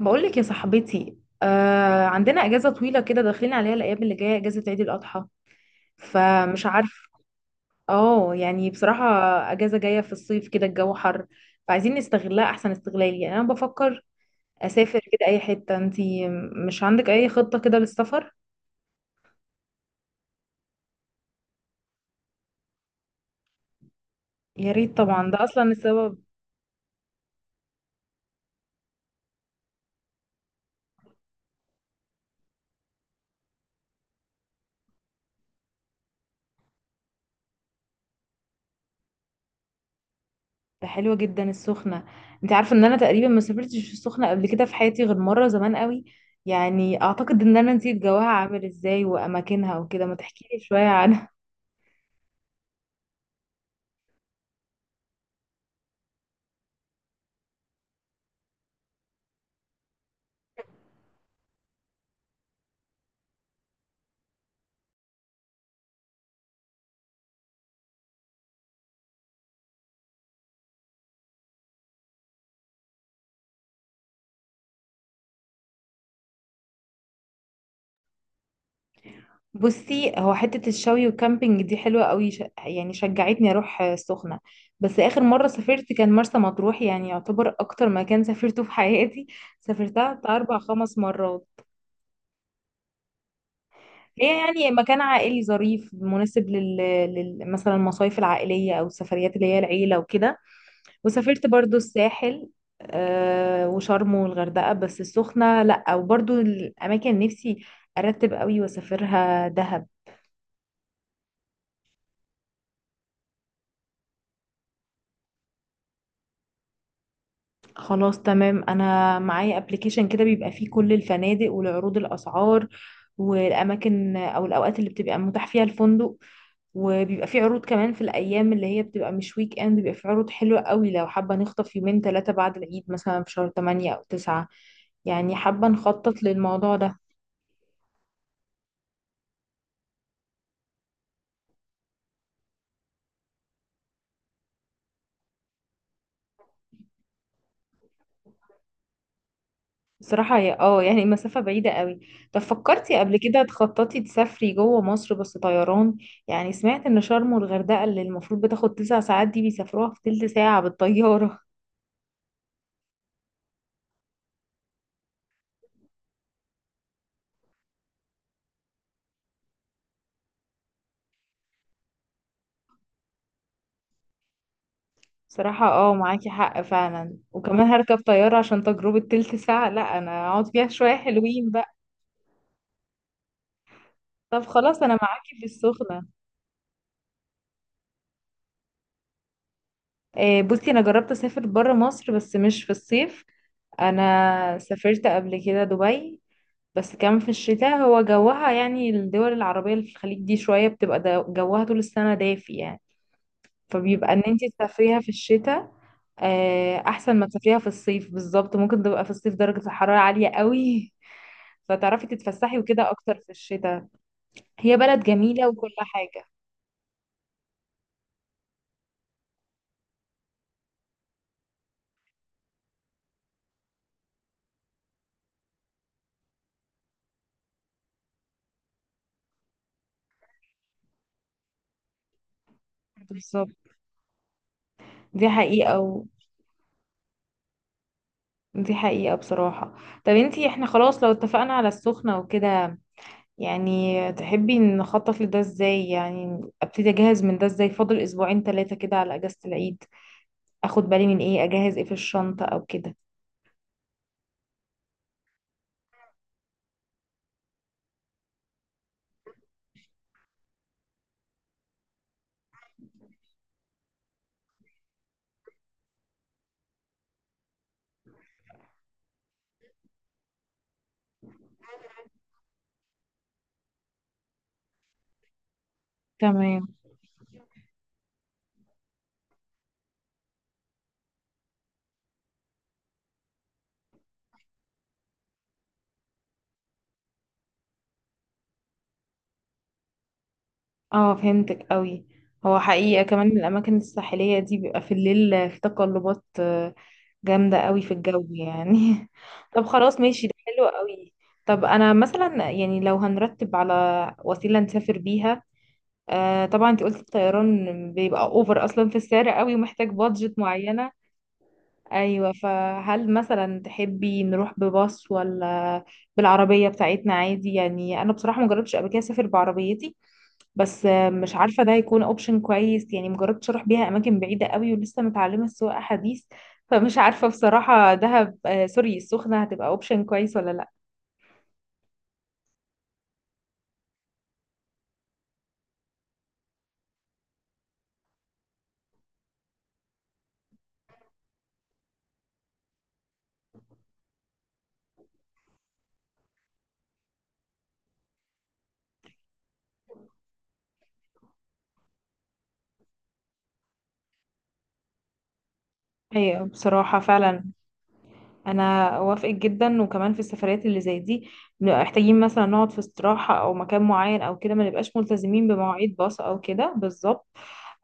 بقولك يا صاحبتي، عندنا اجازه طويله كده داخلين عليها الايام اللي جايه اجازه عيد الاضحى، فمش عارف. اه يعني بصراحه اجازه جايه في الصيف كده الجو حر، فعايزين نستغلها احسن استغلال. يعني انا بفكر اسافر كده اي حته. انتي مش عندك اي خطه كده للسفر؟ يا ريت طبعا، ده اصلا السبب. ده حلوه جدا السخنه. انت عارفه ان انا تقريبا ما سافرتش السخنه قبل كده في حياتي غير مره زمان قوي، يعني اعتقد ان انا نسيت جواها عامل ازاي واماكنها وكده. ما تحكيلي شويه عنها. بصي، هو حتة الشوي والكامبينج دي حلوة قوي، يعني شجعتني اروح سخنة. بس اخر مرة سافرت كان مرسى مطروح، يعني يعتبر اكتر مكان سافرته في حياتي. سافرتها بتاع اربع خمس مرات. هي يعني مكان عائلي ظريف مناسب مثلا المصايف العائلية او السفريات اللي هي العيلة وكده. وسافرت برضو الساحل وشرم والغردقة، بس السخنة لا، وبرضو الاماكن نفسي ارتب قوي واسافرها دهب. خلاص تمام، انا معايا ابلكيشن كده بيبقى فيه كل الفنادق والعروض الاسعار والاماكن او الاوقات اللي بتبقى متاح فيها الفندق، وبيبقى فيه عروض كمان في الايام اللي هي بتبقى مش ويك اند، بيبقى فيه عروض حلوه قوي لو حابه نخطف يومين ثلاثه بعد العيد مثلا في شهر 8 او 9. يعني حابه نخطط للموضوع ده. بصراحة، هي يعني مسافة بعيدة قوي. طب فكرتي قبل كده تخططي تسافري جوه مصر بس طيران؟ يعني سمعت ان شرم والغردقة اللي المفروض بتاخد تسع ساعات دي بيسافروها في تلت ساعة بالطيارة. بصراحة اه معاكي حق فعلا، وكمان هركب طيارة عشان تجربة تلت ساعة لا انا اقعد فيها شوية حلوين بقى. طب خلاص انا معاكي في السخنة. بصي انا جربت اسافر برا مصر بس مش في الصيف. انا سافرت قبل كده دبي، بس كمان في الشتاء. هو جوها، يعني الدول العربية اللي في الخليج دي شوية بتبقى جوها طول السنة دافي، يعني فبيبقى ان انتي تسافريها في الشتاء. احسن ما تسافريها في الصيف. بالظبط، ممكن تبقى في الصيف درجة الحرارة عالية قوي. فتعرفي تتفسحي وكده اكتر في الشتاء. هي بلد جميلة وكل حاجة. بالظبط، دي حقيقة دي حقيقة بصراحة. طب انتي، احنا خلاص لو اتفقنا على السخنة وكده، يعني تحبي نخطط لده ازاي؟ يعني ابتدي اجهز من ده ازاي؟ فاضل اسبوعين ثلاثة كده على اجازة العيد. اخد بالي من ايه، اجهز ايه في الشنطة او كده. تمام. اه فهمتك قوي. هو حقيقة كمان الاماكن الساحلية دي بيبقى في الليل في تقلبات جامدة قوي في الجو، يعني طب خلاص، ماشي، ده حلو قوي. طب انا مثلا يعني لو هنرتب على وسيلة نسافر بيها. آه طبعا، انت قلت الطيران بيبقى اوفر اصلا في السعر قوي ومحتاج بادجت معينة. ايوه، فهل مثلا تحبي نروح بباص ولا بالعربيه بتاعتنا عادي؟ يعني انا بصراحه مجربتش قبل كده اسافر بعربيتي، بس مش عارفه ده هيكون اوبشن كويس، يعني مجربتش اروح بيها اماكن بعيده قوي ولسه متعلمه السواقه حديث. فمش عارفه بصراحه دهب سوري السخنه هتبقى اوبشن كويس ولا لا؟ ايوه بصراحه فعلا. انا اوافقك جدا، وكمان في السفرات اللي زي دي بنبقى محتاجين مثلا نقعد في استراحه او مكان معين او كده، ما نبقاش ملتزمين بمواعيد باص او كده. بالظبط.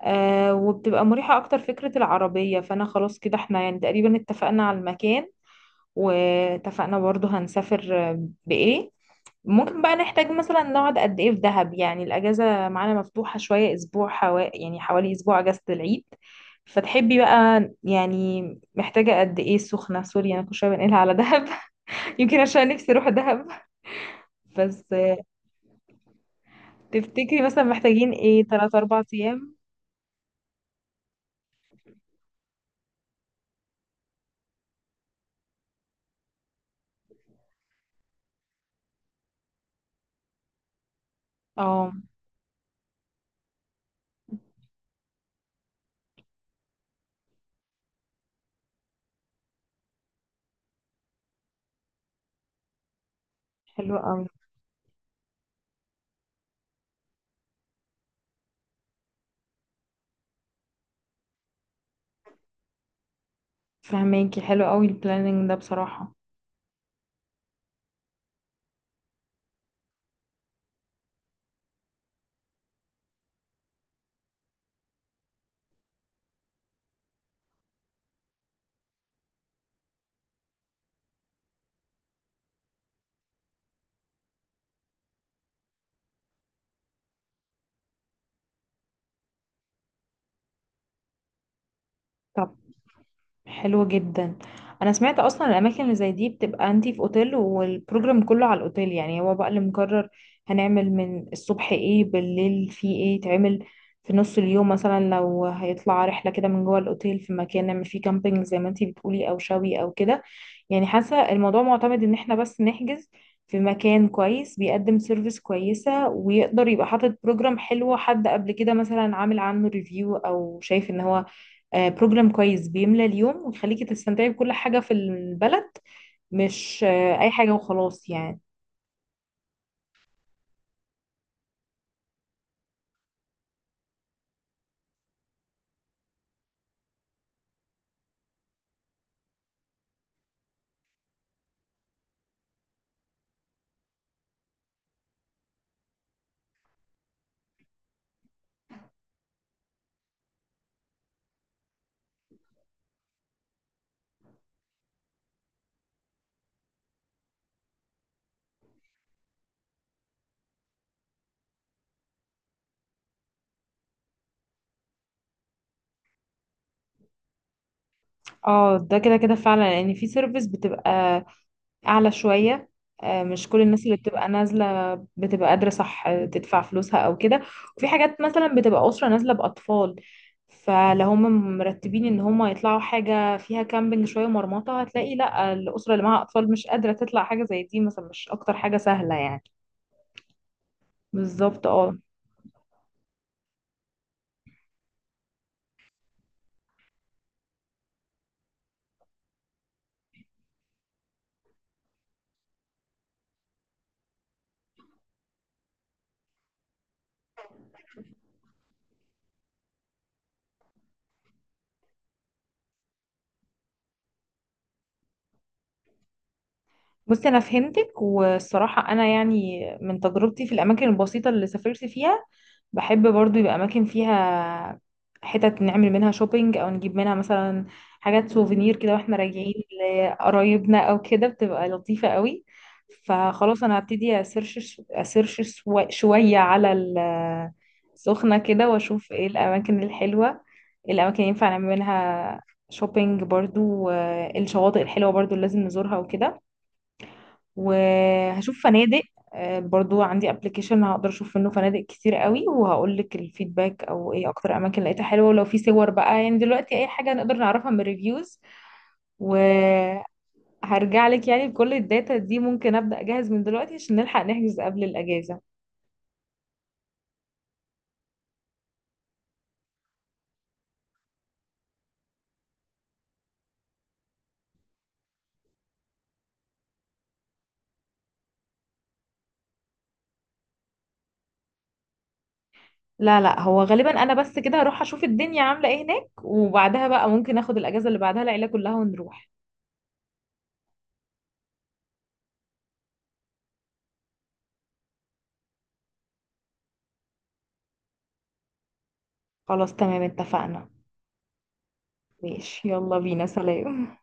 وبتبقى مريحة أكتر فكرة العربية. فأنا خلاص، كده احنا يعني تقريبا اتفقنا على المكان، واتفقنا برضو هنسافر بإيه. ممكن بقى نحتاج مثلا نقعد قد إيه في دهب؟ يعني الأجازة معانا مفتوحة شوية، أسبوع يعني حوالي أسبوع أجازة العيد. فتحبي بقى يعني محتاجة قد إيه السخنة؟ سوري، أنا كل شوية بنقلها على دهب. يمكن عشان نفسي أروح دهب. بس تفتكري مثلا محتاجين إيه، تلات أربع أيام؟ اه حلو أوي. فهماكي، حلو قوي البلاننج ده بصراحة. طب حلو جدا. انا سمعت اصلا الاماكن اللي زي دي بتبقى انتي في اوتيل والبروجرام كله على الاوتيل، يعني هو بقى اللي مقرر هنعمل من الصبح ايه، بالليل في ايه تعمل، في نص اليوم مثلا لو هيطلع رحلة كده من جوه الاوتيل في مكان نعمل فيه كامبينج زي ما انتي بتقولي او شوي او كده. يعني حاسة الموضوع معتمد ان احنا بس نحجز في مكان كويس بيقدم سيرفيس كويسة ويقدر يبقى حاطط بروجرام حلو، حد قبل كده مثلا عامل عنه ريفيو او شايف ان هو بروجرام كويس بيملى اليوم ويخليكي تستمتعي بكل حاجة في البلد، مش أي حاجة وخلاص يعني. اه، ده كده كده فعلا، لأن في سيرفيس بتبقى أعلى شوية مش كل الناس اللي بتبقى نازلة بتبقى قادرة، صح، تدفع فلوسها أو كده. وفي حاجات مثلا بتبقى أسرة نازلة بأطفال، فلو هم مرتبين ان هم يطلعوا حاجة فيها كامبينج شوية مرمطة، هتلاقي لا الأسرة اللي معاها أطفال مش قادرة تطلع حاجة زي دي، مثلا مش أكتر حاجة سهلة يعني. بالظبط اه. بصي انا فهمتك، والصراحه انا يعني من تجربتي في الاماكن البسيطه اللي سافرت فيها، بحب برضو يبقى اماكن فيها حتت نعمل منها شوبينج، او نجيب منها مثلا حاجات سوفينير كده واحنا راجعين لقرايبنا او كده، بتبقى لطيفه قوي. فخلاص، انا هبتدي اسيرش شويه على السخنه كده واشوف ايه الاماكن الحلوه، إيه الاماكن اللي ينفع نعمل منها شوبينج برضو، الشواطئ الحلوه برضو اللي لازم نزورها وكده. وهشوف فنادق برضو عندي ابلكيشن هقدر اشوف منه فنادق كتير قوي، وهقول لك الفيدباك او ايه اكتر اماكن لقيتها حلوه، ولو في صور بقى. يعني دلوقتي اي حاجه نقدر نعرفها من الريفيوز. وهرجع لك يعني بكل الداتا دي، ممكن ابدا اجهز من دلوقتي عشان نلحق نحجز قبل الاجازه. لا لا، هو غالبا انا بس كده هروح اشوف الدنيا عامله ايه هناك، وبعدها بقى ممكن اخد الاجازه اللي بعدها العيله كلها ونروح. خلاص تمام، اتفقنا. ماشي، يلا بينا، سلام.